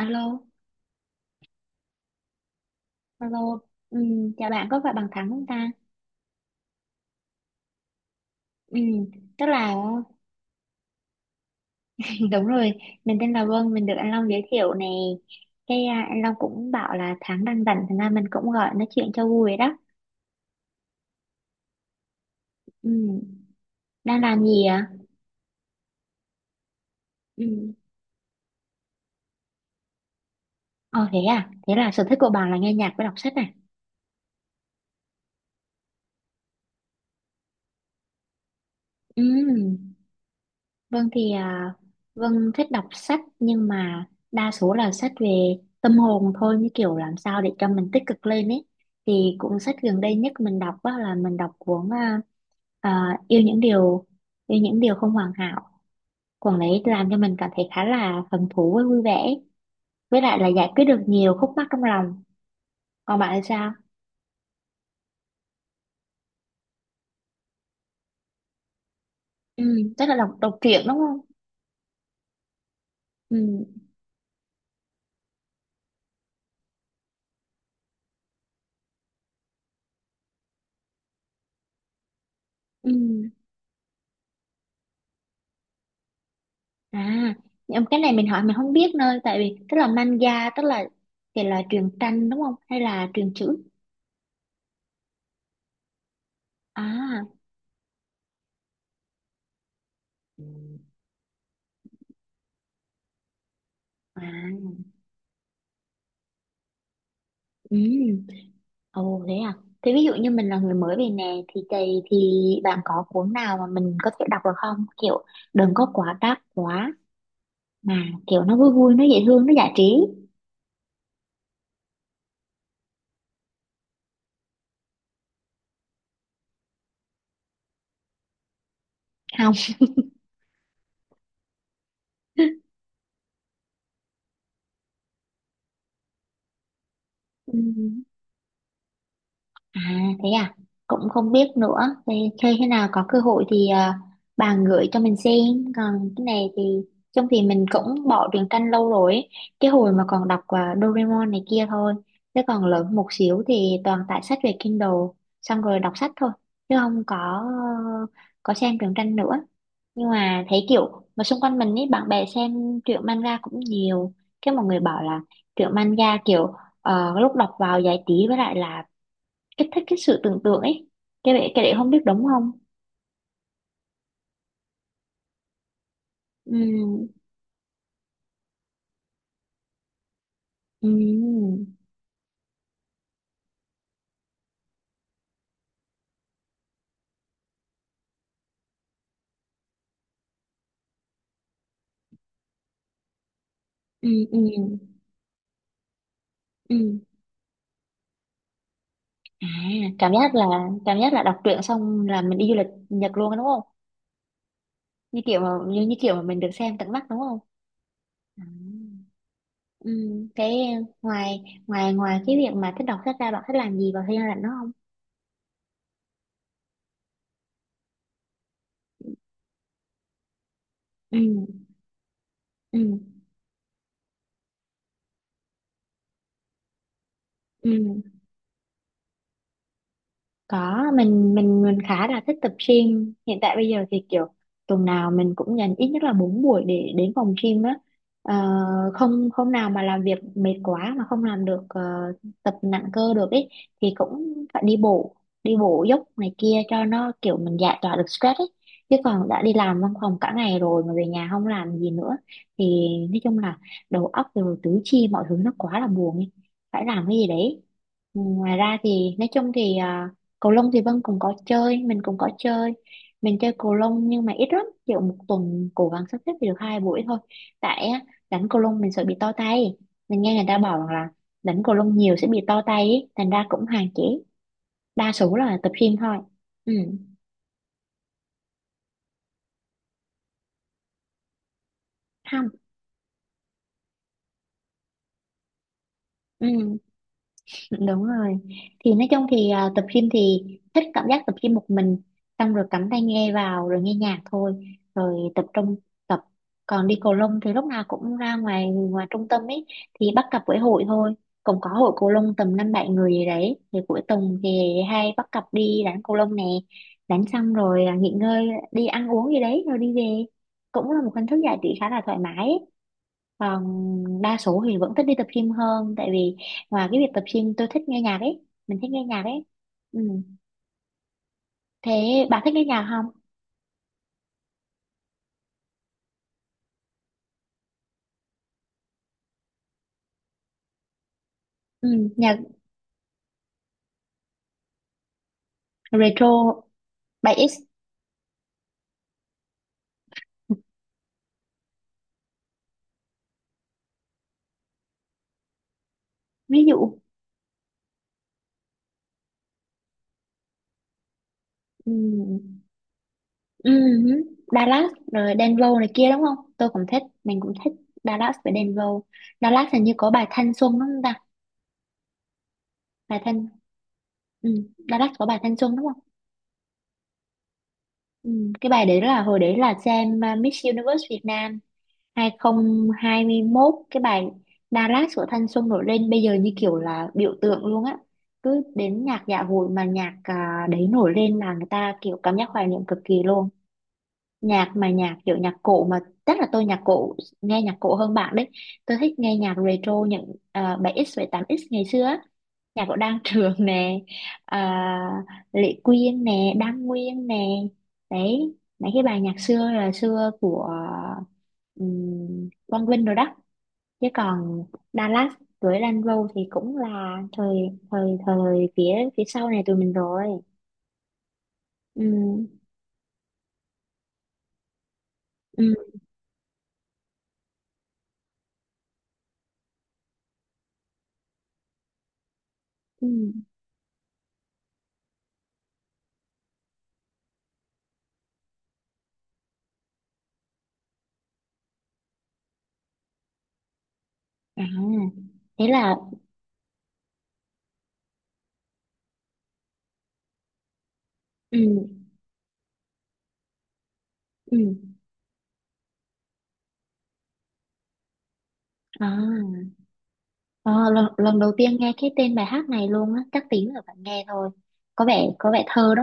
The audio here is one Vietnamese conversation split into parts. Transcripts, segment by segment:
Alo, alo, ừ, chào bạn có phải bằng Thắng không ta? Ừ, tức là đúng rồi, mình tên là Vân, mình được anh Long giới thiệu này. Cái à, anh Long cũng bảo là Thắng đang rảnh, thành ra mình cũng gọi nói chuyện cho vui đó. Ừ, đang làm gì ạ? Ừ, ồ thế à, thế là sở thích của bạn là nghe nhạc với đọc sách à? Ừ, Vâng thì Vâng thích đọc sách nhưng mà đa số là sách về tâm hồn thôi như kiểu làm sao để cho mình tích cực lên ấy. Thì cuốn sách gần đây nhất mình đọc á, là mình đọc cuốn à, Yêu những điều yêu những điều không hoàn hảo. Cuốn đấy làm cho mình cảm thấy khá là hứng thú với vui vẻ. Với lại là giải quyết được nhiều khúc mắc trong lòng. Còn bạn thì sao? Ừ, chắc là đọc đọc truyện đúng không? Ừ, ừ. À, nhưng cái này mình hỏi mình không biết nơi tại vì tức là manga tức là thì là truyện tranh đúng không hay là truyện chữ? À, à, ừ, ồ thế à. Thế ví dụ như mình là người mới về nè thì bạn có cuốn nào mà mình có thể đọc được không? Kiểu đừng có quá đắt quá mà kiểu nó vui vui nó dễ thương nó giải trí không? Ừ. À thế à, cũng không biết nữa. Thế, thế khi nào có cơ hội thì à, bà gửi cho mình xem. Còn cái này thì trong thì mình cũng bỏ truyện tranh lâu rồi ấy. Cái hồi mà còn đọc à, Doraemon này kia thôi. Thế còn lớn một xíu thì toàn tải sách về Kindle, xong rồi đọc sách thôi. Chứ không có có xem truyện tranh nữa. Nhưng mà thấy kiểu mà xung quanh mình ấy bạn bè xem truyện manga cũng nhiều. Cái mọi người bảo là truyện manga kiểu lúc đọc vào giải trí với lại là kích thích cái sự tưởng tượng ấy cái đấy không biết đúng không. ừ ừ ừ ừ ừ à Cảm giác là cảm giác là đọc truyện xong là mình đi du lịch Nhật luôn á, đúng không, như kiểu mà như, như kiểu mà mình được xem tận mắt đúng không. à. ừ cái ngoài ngoài ngoài cái việc mà thích đọc sách ra bạn thích làm gì vào thời gian rảnh đó không? ừ ừ ừ Có, mình khá là thích tập gym. Hiện tại bây giờ thì kiểu tuần nào mình cũng dành ít nhất là 4 buổi để đến phòng gym á. Ờ, không không nào mà làm việc mệt quá mà không làm được tập nặng cơ được ấy thì cũng phải đi bộ dốc này kia cho nó kiểu mình giải tỏa được stress ấy. Chứ còn đã đi làm văn phòng cả ngày rồi mà về nhà không làm gì nữa thì nói chung là đầu óc rồi tứ chi mọi thứ nó quá là buồn ấy. Phải làm cái gì đấy. Ừ, ngoài ra thì nói chung thì cầu lông thì Vân cũng có chơi mình cũng có chơi, mình chơi cầu lông nhưng mà ít lắm kiểu một tuần cố gắng sắp xếp thì được 2 buổi thôi, tại á, đánh cầu lông mình sợ bị to tay, mình nghe người ta bảo rằng là đánh cầu lông nhiều sẽ bị to tay ấy. Thành ra cũng hạn chế, đa số là tập gym thôi. Ừ không Ừ, đúng rồi. Thì nói chung thì à, tập gym thì thích cảm giác tập gym một mình, xong rồi cắm tai nghe vào rồi nghe nhạc thôi, rồi tập trung tập. Còn đi cầu lông thì lúc nào cũng ra ngoài ngoài trung tâm ấy thì bắt cặp với hội thôi, cũng có hội cầu lông tầm năm bảy người gì đấy thì cuối tuần thì hay bắt cặp đi đánh cầu lông nè, đánh xong rồi à, nghỉ ngơi đi ăn uống gì đấy rồi đi về, cũng là một hình thức giải trí khá là thoải mái ấy. Còn đa số thì vẫn thích đi tập gym hơn tại vì ngoài cái việc tập gym tôi thích nghe nhạc ấy, mình thích nghe nhạc ấy. Ừ. Thế bà thích nghe nhạc không? Ừ, nhạc retro 7X ví dụ. Ừ. Ừ. Dallas rồi Denver này kia đúng không? Tôi cũng thích, mình cũng thích Dallas với Denver. Dallas hình như có bài Thanh Xuân đúng không ta? Bài Thanh, ừ. Dallas có bài Thanh Xuân đúng không? Ừ. Cái bài đấy là hồi đấy là xem Miss Universe Việt Nam 2021, cái bài Dallas của thanh xuân nổi lên bây giờ như kiểu là biểu tượng luôn á, cứ đến nhạc dạ hội mà nhạc à, đấy nổi lên là người ta kiểu cảm giác hoài niệm cực kỳ luôn. Nhạc mà nhạc kiểu nhạc cổ mà, chắc là tôi nhạc cổ nghe nhạc cổ hơn bạn đấy, tôi thích nghe nhạc retro những à, 7x ngày xưa á, nhà của Đan Trường nè, à, Lệ Quyên nè, Đan Nguyên nè, đấy mấy cái bài nhạc xưa là xưa của Quang Vinh rồi đó. Chứ còn Dallas với Lan Râu thì cũng là thời thời thời phía phía sau này tụi mình rồi. Ừ ừ ừ à thế là ừ ừ à, à lần, Lần đầu tiên nghe cái tên bài hát này luôn á, chắc tí nữa phải nghe thôi, có vẻ thơ đó,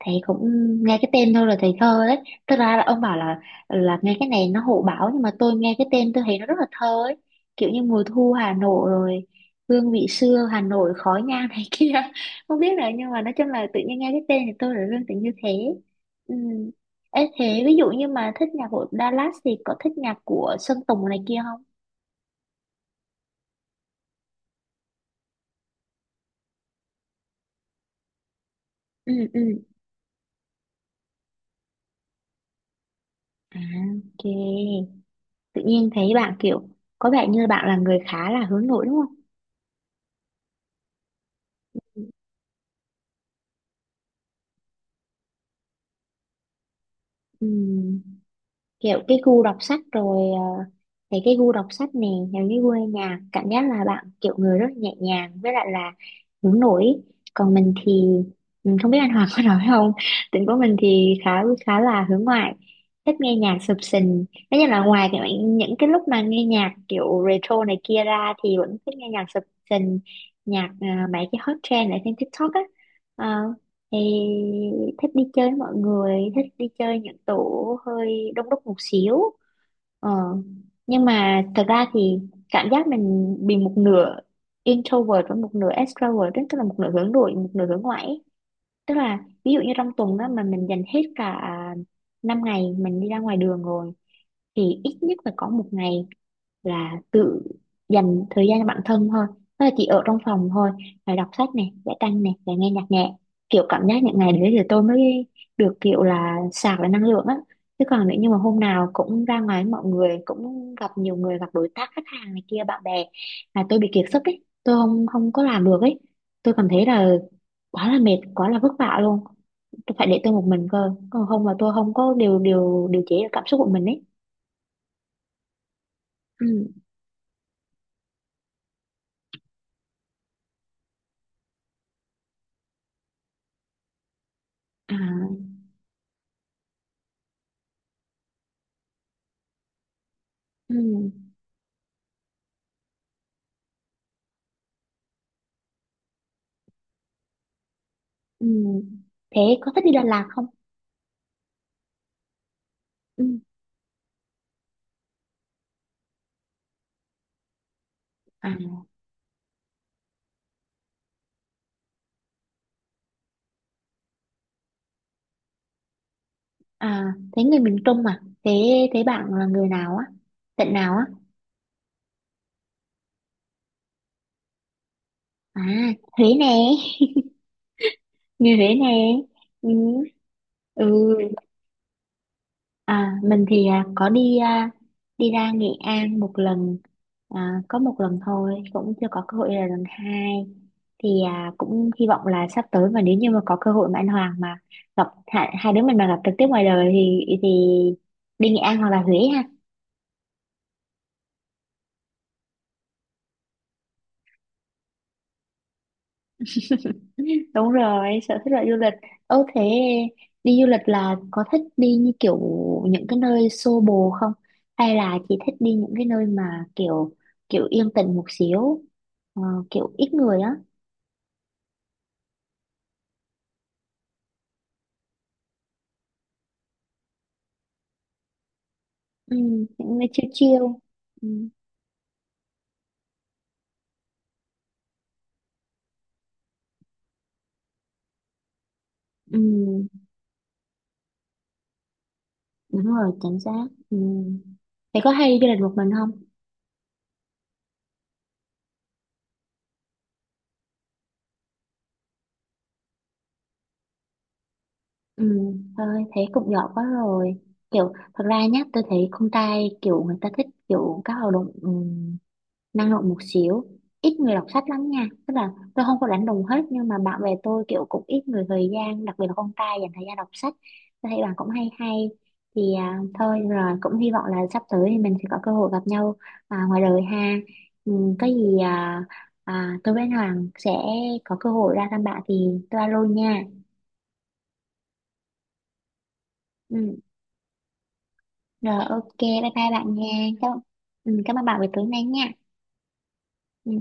thầy cũng nghe cái tên thôi là thầy thơ đấy. Thực ra là ông bảo là nghe cái này nó hộ báo nhưng mà tôi nghe cái tên tôi thấy nó rất là thơ ấy, kiểu như mùa thu Hà Nội rồi hương vị xưa Hà Nội khói nhang này kia, không biết là nhưng mà nói chung là tự nhiên nghe cái tên thì tôi là liên tưởng như thế. Ừ. Ê, thế ví dụ như mà thích nhạc của Dallas thì có thích nhạc của Sơn Tùng này kia không? ừ ừ à ok, tự nhiên thấy bạn kiểu có vẻ như bạn là người khá là hướng nội đúng không? Ừ kiểu cái gu đọc sách rồi thấy cái gu đọc sách nè, những cái gu nghe nhạc cảm giác là bạn kiểu người rất nhẹ nhàng với lại là hướng nội. Còn mình thì mình không biết anh Hoàng có nói không, tính của mình thì khá khá là hướng ngoại, thích nghe nhạc sập sình. Tất nhiên là ngoài cái, những cái lúc mà nghe nhạc kiểu retro này kia ra thì vẫn thích nghe nhạc sập sình, nhạc à, mấy cái hot trend ở trên TikTok á. Ờ, Ê, thích đi chơi với mọi người, thích đi chơi những tổ hơi đông đúc một xíu, ờ. Nhưng mà thật ra thì cảm giác mình bị một nửa introvert và một nửa extrovert ấy, tức là một nửa hướng nội một nửa hướng ngoại ấy. Tức là ví dụ như trong tuần đó mà mình dành hết cả 5 ngày mình đi ra ngoài đường rồi thì ít nhất phải có một ngày là tự dành thời gian cho bản thân thôi, tức là chỉ ở trong phòng thôi, là đọc sách này vẽ tranh này và nghe nhạc nhẹ, kiểu cảm giác những ngày đấy thì tôi mới được kiểu là sạc lại năng lượng á. Chứ còn nếu như mà hôm nào cũng ra ngoài với mọi người cũng gặp nhiều người gặp đối tác khách hàng này kia bạn bè là tôi bị kiệt sức ấy, tôi không không có làm được ấy, tôi cảm thấy là quá là mệt quá là vất vả luôn, tôi phải để tôi một mình cơ, còn không là tôi không có điều điều điều chế được cảm xúc của mình ấy. ừ. à ừ. Ừ. Thế có thích đi Đà Lạt không? Ừ. À, à, thế người miền Trung à? Thế thế bạn là người nào á? Tận nào á? À, Huế nè, người Huế nè. Ừ. ừ. À, mình thì à, có đi à, đi ra Nghệ An một lần, à, có một lần thôi, cũng chưa có cơ hội là lần hai. Thì à, cũng hy vọng là sắp tới mà nếu như mà có cơ hội mà anh Hoàng mà gặp hai, hai đứa mình mà gặp trực tiếp ngoài đời thì đi Nghệ An hoặc là Huế. Đúng rồi, sở thích là du lịch. Ơ thế đi du lịch là có thích đi như kiểu những cái nơi xô bồ không? Hay là chỉ thích đi những cái nơi mà kiểu kiểu yên tĩnh một xíu, ờ, kiểu ít người á, ừ, những nơi chill chill. Ừ, ừ, đúng rồi, chính xác. Ừ. Thế có hay đi du lịch một mình không? Ừ, thôi thế cũng giỏi quá rồi. Kiểu thật ra nhá, tôi thấy con trai kiểu người ta thích kiểu các hoạt động năng động một xíu, ít người đọc sách lắm nha, tức là tôi không có đánh đồng hết nhưng mà bạn bè tôi kiểu cũng ít người thời gian đặc biệt là con trai dành thời gian đọc sách, tôi thấy bạn cũng hay hay. Thì à, thôi rồi cũng hy vọng là sắp tới thì mình sẽ có cơ hội gặp nhau à, ngoài đời ha, ừ, có gì à, à, tôi với anh Hoàng sẽ có cơ hội ra thăm bạn thì tôi alo nha. Ừ, rồi ok bye bye bạn nha. cảm, Cảm ơn bạn về tối nay nha. Ừ.